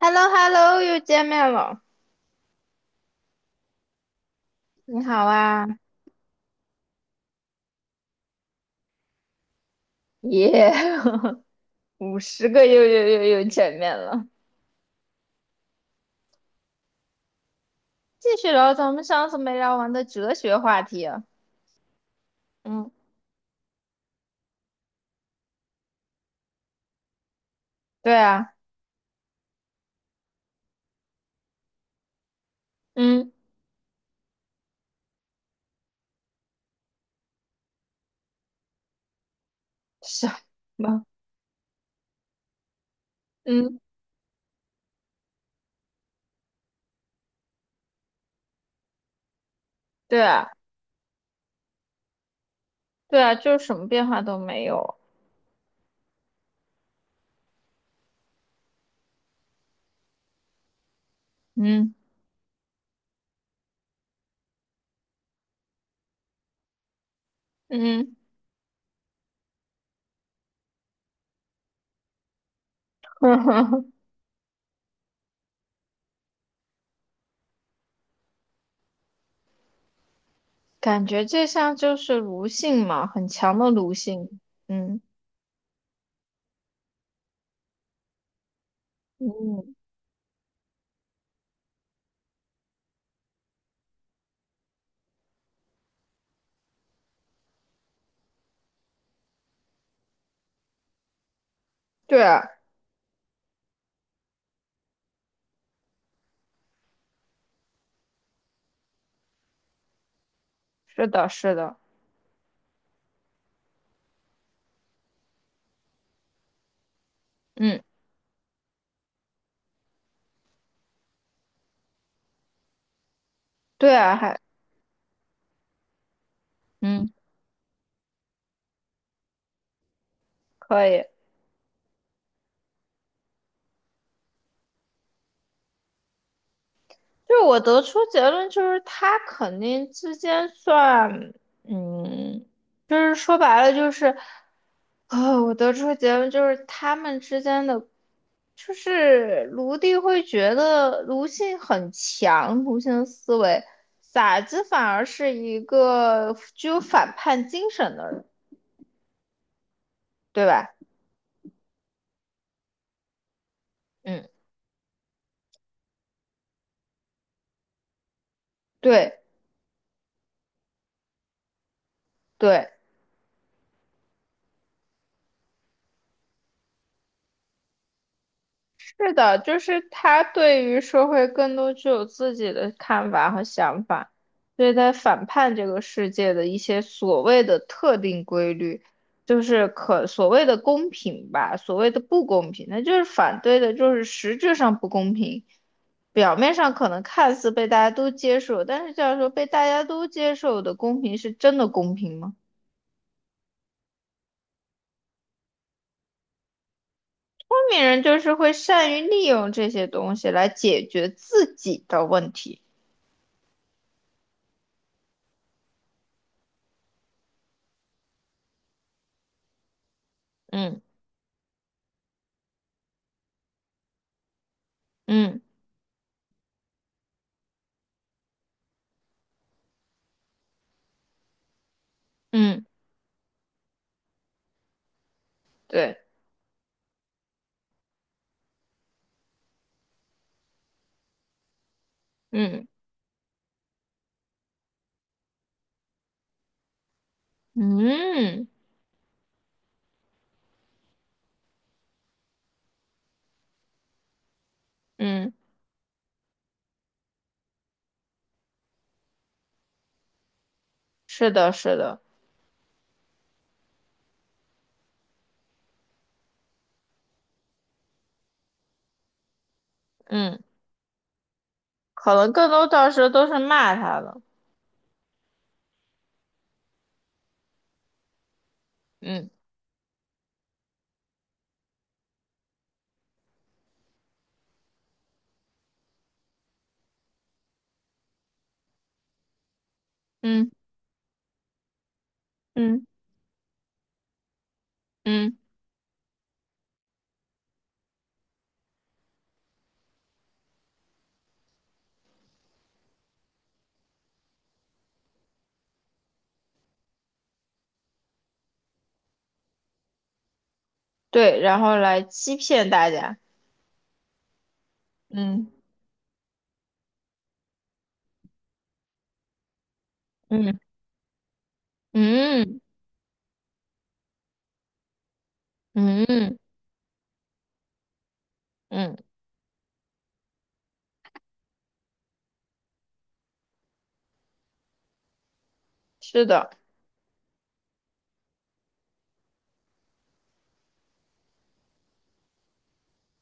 h e l l o h e l l o 又见面了，你好啊，耶，50个又又又又见面了。继续聊咱们上次没聊完的哲学话题啊。嗯，对啊，嗯，什么？嗯，对啊，对啊，就是什么变化都没有。嗯嗯。感觉这像就是奴性嘛，很强的奴性。嗯，嗯，对啊，是的，是的，嗯，对啊，还，嗯，可以。就是我得出结论，就是他肯定之间算，嗯，就是说白了就是，我得出结论就是他们之间的，就是卢棣会觉得卢性很强，卢性思维，傻子反而是一个具有反叛精神的人，对吧？嗯，对对。是的，就是他对于社会更多具有自己的看法和想法，所以他反叛这个世界的一些所谓的特定规律，就是可所谓的公平吧，所谓的不公平，那就是反对的，就是实质上不公平，表面上可能看似被大家都接受，但是这样说被大家都接受的公平是真的公平吗？聪明人就是会善于利用这些东西来解决自己的问题。嗯嗯嗯。对，嗯嗯嗯，是的，是的，嗯，可能更多到时候都是骂他的，嗯嗯嗯嗯，对，然后来欺骗大家，嗯嗯嗯嗯嗯，是的，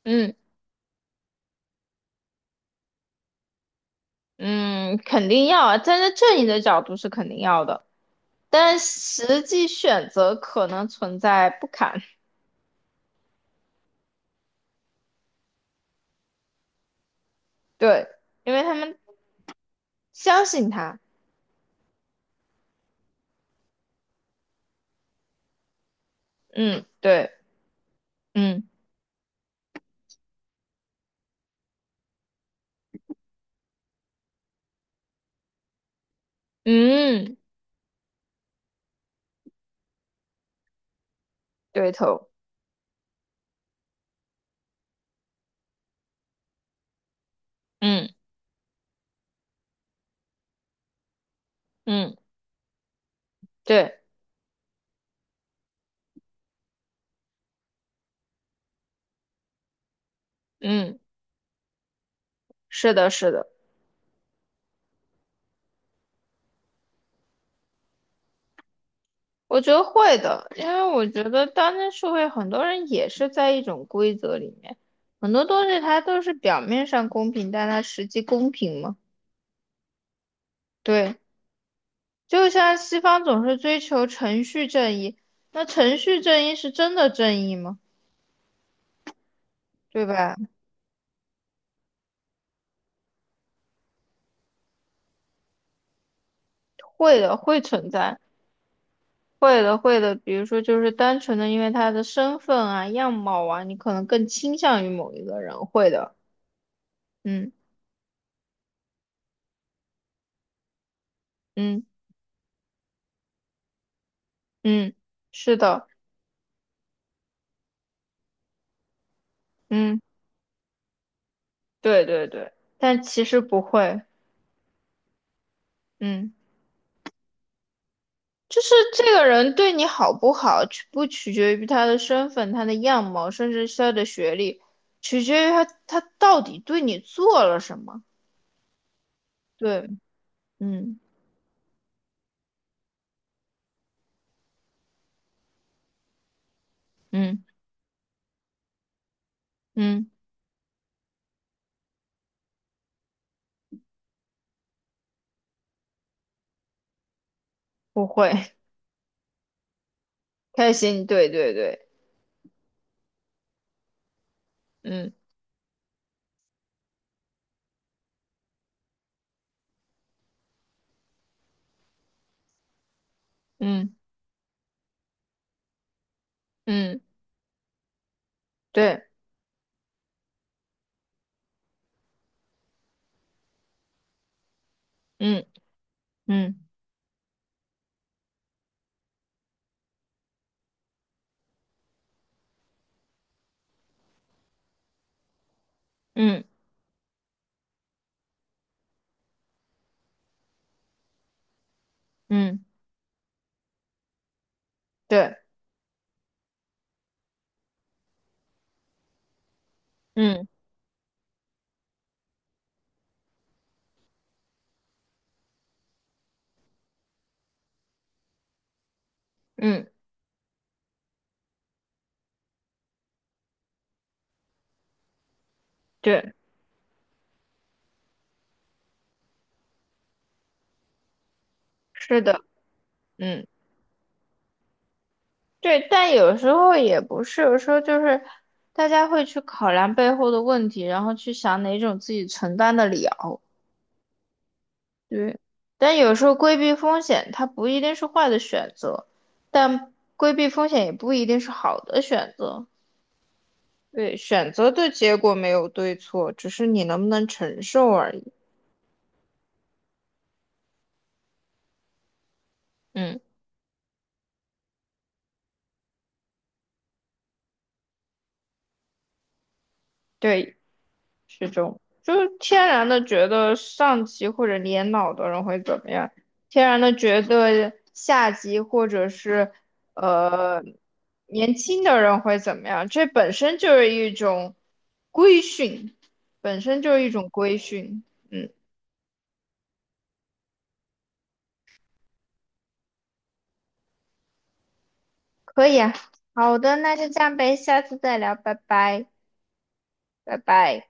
嗯嗯，肯定要啊，站在正义的角度是肯定要的，但实际选择可能存在不堪，对，因为他们相信他，嗯，对，嗯嗯，对头。嗯嗯，对，嗯，是的，是的，我觉得会的，因为我觉得当今社会很多人也是在一种规则里面，很多东西它都是表面上公平，但它实际公平吗？对，就像西方总是追求程序正义，那程序正义是真的正义吗？对吧？会的，会存在，会的，会的。比如说，就是单纯的因为他的身份啊、样貌啊，你可能更倾向于某一个人，会的，嗯。嗯。嗯，是的，嗯，对对对，但其实不会，嗯，就是这个人对你好不好，取不取决于他的身份、他的样貌，甚至是他的学历，取决于他到底对你做了什么。对，嗯嗯嗯，不会，开心，对对对，嗯嗯嗯，对，嗯嗯嗯嗯，对，嗯嗯，对，是的，嗯。对，但有时候也不是，有时候就是大家会去考量背后的问题，然后去想哪种自己承担得了。对，但有时候规避风险，它不一定是坏的选择，但规避风险也不一定是好的选择。对，选择的结果没有对错，只是你能不能承受而已。嗯，对。是这种，就是天然的觉得上级或者年老的人会怎么样，天然的觉得下级或者是呃年轻的人会怎么样，这本身就是一种规训，本身就是一种规训。嗯，可以啊，好的，那就这样呗，下次再聊，拜拜，拜拜。